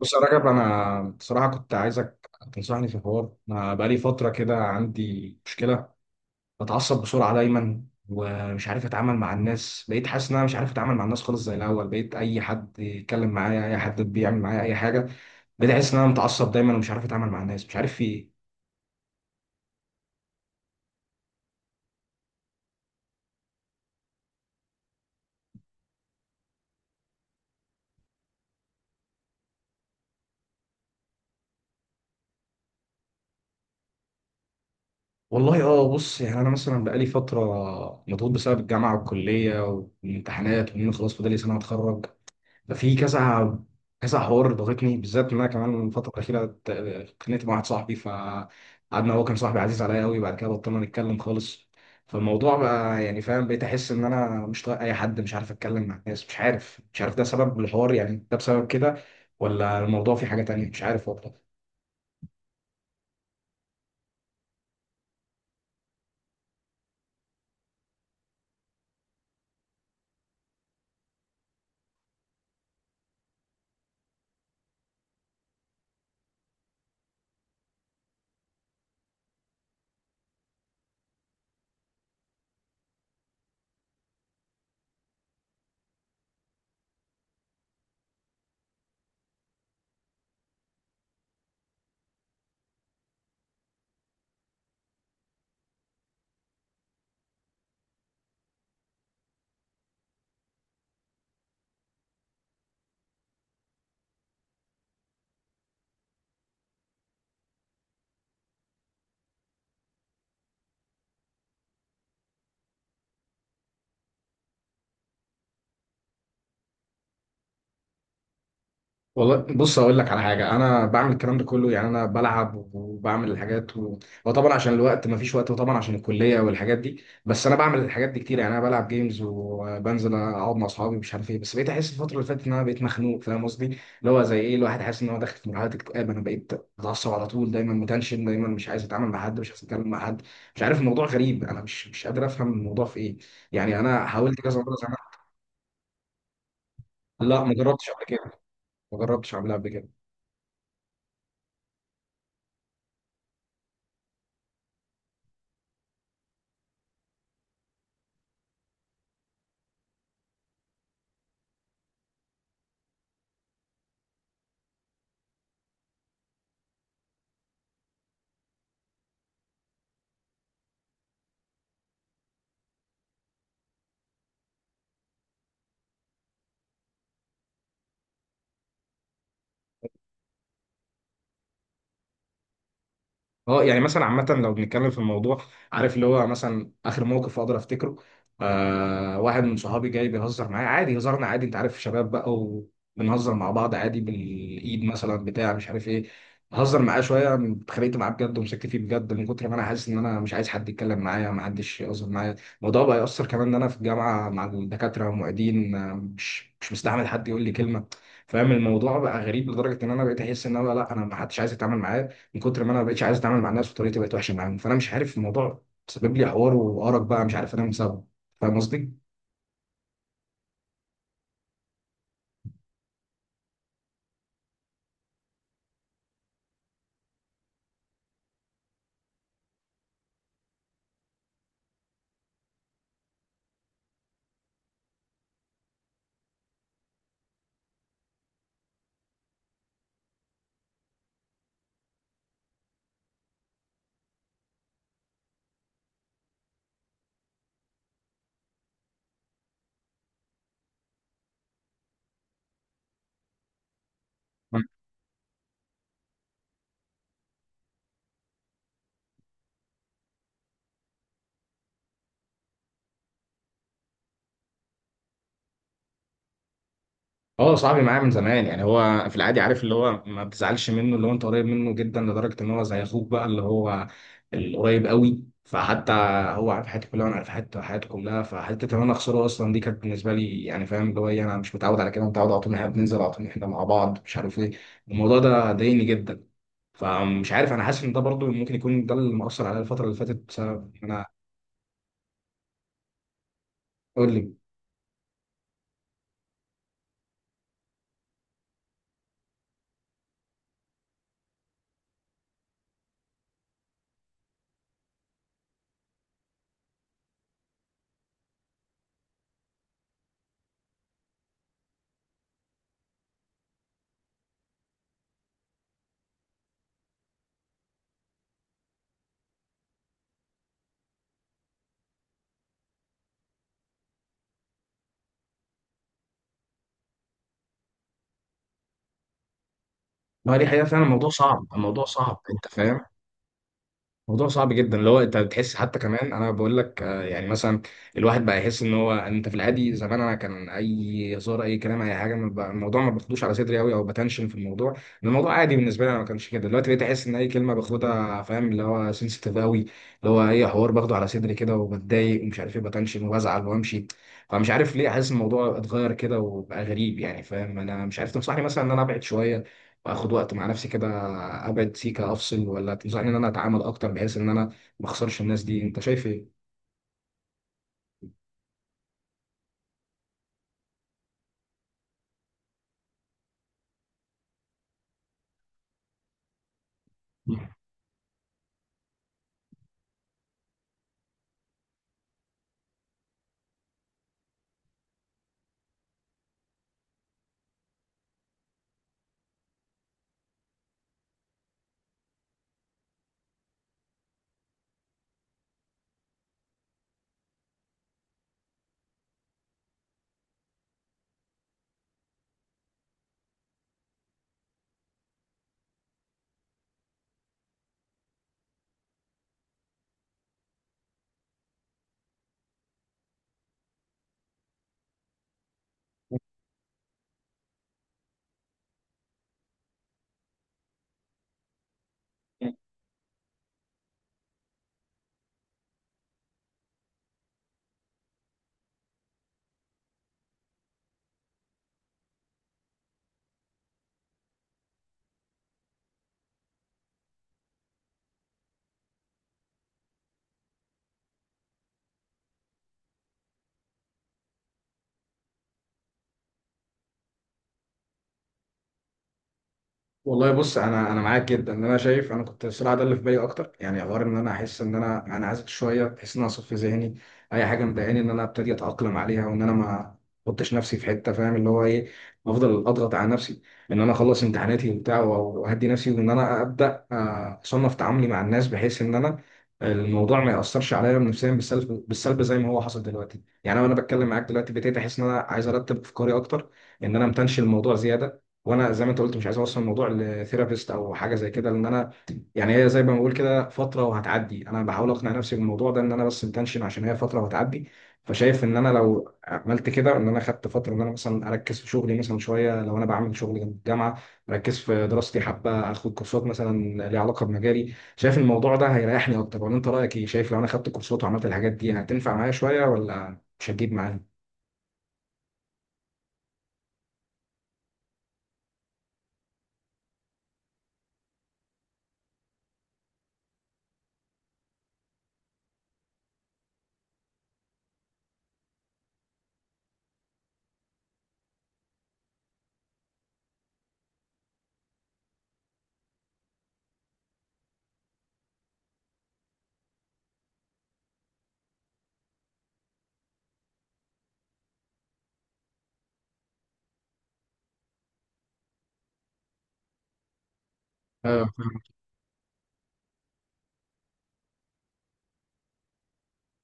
بص يا رجب، انا بصراحه كنت عايزك تنصحني في حوار. انا بقالي فتره كده عندي مشكله. بتعصب بسرعه دايما ومش عارف اتعامل مع الناس. بقيت حاسس ان انا مش عارف اتعامل مع الناس خالص زي الاول. بقيت اي حد يتكلم معايا، اي حد بيعمل معايا اي حاجه، بقيت احس ان انا متعصب دايما ومش عارف اتعامل مع الناس. مش عارف في ايه. والله اه، بص يعني انا مثلا بقالي فتره مضغوط بسبب الجامعه والكليه والامتحانات، وان خلاص فاضل لي سنه اتخرج. ففي كذا كذا حوار ضغطني، بالذات ان انا كمان الفتره الاخيره اتخانقت مع واحد صاحبي، فقعدنا، هو كان صاحبي عزيز عليا قوي، بعد كده بطلنا نتكلم خالص. فالموضوع بقى يعني فاهم، بقيت احس ان انا مش طايق اي حد، مش عارف اتكلم مع الناس، مش عارف مش عارف ده سبب الحوار يعني، ده بسبب كده ولا الموضوع فيه حاجه تانية؟ مش عارف والله. والله بص اقول لك على حاجه، انا بعمل الكلام ده كله. يعني انا بلعب وبعمل الحاجات وطبعا عشان الوقت ما فيش وقت، وطبعا عشان الكليه والحاجات دي. بس انا بعمل الحاجات دي كتير، يعني انا بلعب جيمز وبنزل اقعد مع اصحابي، مش عارف ايه. بس بقيت احس الفتره اللي فاتت ان انا بقيت مخنوق، فاهم قصدي؟ اللي هو زي ايه الواحد حاسس ان هو داخل في مرحله اكتئاب. انا بقيت اتعصب على طول، دايما متنشن، دايما مش عايز اتعامل مع حد، مش عايز اتكلم مع حد. مش عارف، الموضوع غريب، انا مش قادر افهم الموضوع في ايه. يعني انا حاولت كذا مره زمان. لا، ما جربتش قبل كده. ما جربتش اعملها قبل كده. اه يعني مثلا عامة لو بنتكلم في الموضوع، عارف اللي هو مثلا آخر موقف أقدر أفتكره، آه، واحد من صحابي جاي بيهزر معايا عادي، هزارنا عادي، أنت عارف شباب بقى وبنهزر مع بعض عادي بالإيد مثلا بتاع، مش عارف إيه. بهزر معاه شوية، اتخانقت معاه بجد ومسكت فيه بجد من كتر ما أنا حاسس إن أنا مش عايز حد يتكلم معايا، ما حدش يهزر معايا. الموضوع بقى يأثر كمان إن أنا في الجامعة مع الدكاترة والمعيدين، آه، مش مستحمل حد يقول لي كلمة. فاهم، الموضوع بقى غريب لدرجة إن أنا بقيت أحس إن أنا لا، أنا ما حدش عايز يتعامل معايا من كتر ما انا ما بقتش عايز اتعامل مع الناس وطريقتي بقت وحشه معاهم. فانا مش عارف الموضوع سبب لي حوار وارق بقى، مش عارف انام بسببه. فاهم قصدي؟ اه صاحبي معايا من زمان، يعني هو في العادي عارف اللي هو ما بتزعلش منه، اللي هو انت قريب منه جدا لدرجه ان هو زي اخوك بقى، اللي هو القريب قوي. فحتى هو عارف حياتي كلها، وانا عارف حياته حياته كلها، فحته ان انا اخسره اصلا دي كانت بالنسبه لي يعني، فاهم اللي هو ايه؟ انا مش متعود على كده، متعود على طول ان احنا بننزل، على طول ان احنا مع بعض، مش عارف ايه. الموضوع ده ضايقني جدا. فمش عارف، انا حاسس ان ده برضو ممكن يكون ده اللي مأثر عليا الفتره اللي فاتت بسبب ان انا... قول لي. ما هي دي حقيقه فعلا، الموضوع صعب، الموضوع صعب، انت فاهم. موضوع صعب جدا، اللي هو انت بتحس حتى كمان، انا بقول لك آه، يعني مثلا الواحد بقى يحس ان هو، انت في العادي زمان انا كان اي هزار، اي كلام، اي حاجه ما بقى- الموضوع ما باخدوش على صدري قوي او بتنشن في الموضوع، إن الموضوع عادي بالنسبه لي. انا ما كانش كده، دلوقتي بقيت احس ان اي كلمه باخدها، فاهم اللي هو سنسيتيف قوي، اللي هو اي حوار باخده على صدري كده وبتضايق ومش عارف ايه، بتنشن وبزعل وامشي. فمش عارف ليه حاسس الموضوع اتغير كده وبقى غريب يعني، فاهم؟ انا مش عارف، تنصحني مثلا ان انا ابعد شويه واخد وقت مع نفسي كده، ابعد سيكه افصل، ولا تنصحني ان انا اتعامل اكتر بحيث ان انا ما اخسرش الناس دي؟ انت شايف ايه؟ والله بص، انا معاك جدا، ان انا شايف انا كنت الصراحه ده اللي في بالي اكتر، يعني حوار ان انا احس ان انا عايز شويه، احس ان انا اصفي ذهني، اي حاجه مضايقاني ان انا ابتدي اتاقلم عليها، وان انا ما احطش نفسي في حته، فاهم اللي هو ايه؟ افضل اضغط على نفسي ان انا اخلص امتحاناتي وبتاع، واهدي نفسي، وان انا ابدا آه، اصنف تعاملي مع الناس بحيث ان انا الموضوع ما ياثرش عليا نفسيا بالسلب، بالسلب زي ما هو حصل دلوقتي. يعني انا وانا بتكلم معاك دلوقتي ابتديت احس ان انا عايز ارتب افكاري اكتر، ان انا ما امتنش الموضوع زياده. وانا زي ما انت قلت مش عايز اوصل الموضوع لثيرابيست او حاجه زي كده، لان انا يعني هي زي ما بقول كده فتره وهتعدي، انا بحاول اقنع نفسي بالموضوع ده ان انا بس متنشن عشان هي فتره وهتعدي. فشايف ان انا لو عملت كده، ان انا خدت فتره ان انا مثلا اركز في شغلي مثلا شويه، لو انا بعمل شغل جنب الجامعه، اركز في دراستي حبه، اخد كورسات مثلا ليها علاقه بمجالي، شايف الموضوع ده هيريحني اكتر ولا انت رايك ايه؟ شايف لو انا خدت كورسات وعملت الحاجات دي هتنفع معايا شويه ولا مش هتجيب معايا؟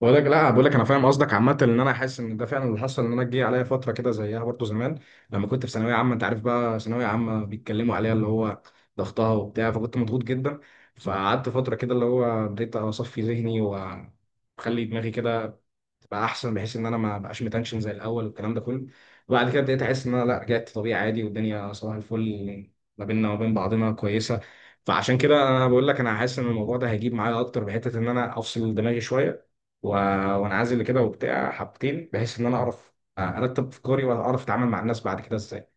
بقول لك لا، بقول لك انا فاهم قصدك عامه، ان انا حاسس ان ده فعلا اللي حصل. ان انا جه عليا فتره كده زيها برضو زمان لما كنت في ثانويه عامه، انت عارف بقى ثانويه عامه بيتكلموا عليها اللي هو ضغطها وبتاع، فكنت مضغوط جدا. فقعدت فتره كده اللي هو بديت اصفي ذهني واخلي دماغي كده تبقى احسن، بحيث ان انا ما بقاش متنشن زي الاول والكلام ده كله. وبعد كده ابتديت احس ان انا لا، رجعت طبيعي عادي والدنيا صباح الفل، ما بيننا وما بين بعضنا كويسه. فعشان كده انا بقول لك انا حاسس ان الموضوع ده هيجيب معايا اكتر بحته ان انا افصل دماغي شويه و... وانعزل كده وبتاع حبتين، بحيث ان انا اعرف ارتب افكاري واعرف اتعامل مع الناس بعد كده ازاي.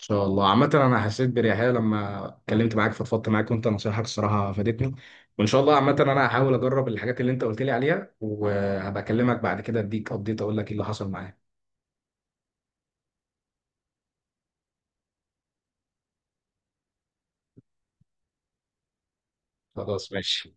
ان شاء الله عامة، انا حسيت باريحية لما اتكلمت معاك فضفضت معاك، وانت نصايحك الصراحة فادتني. وان شاء الله عامة انا هحاول اجرب الحاجات اللي انت قلت لي عليها، وهبقى اكلمك بعد كده اديك ابديت اقول لك ايه اللي حصل معايا. خلاص ماشي.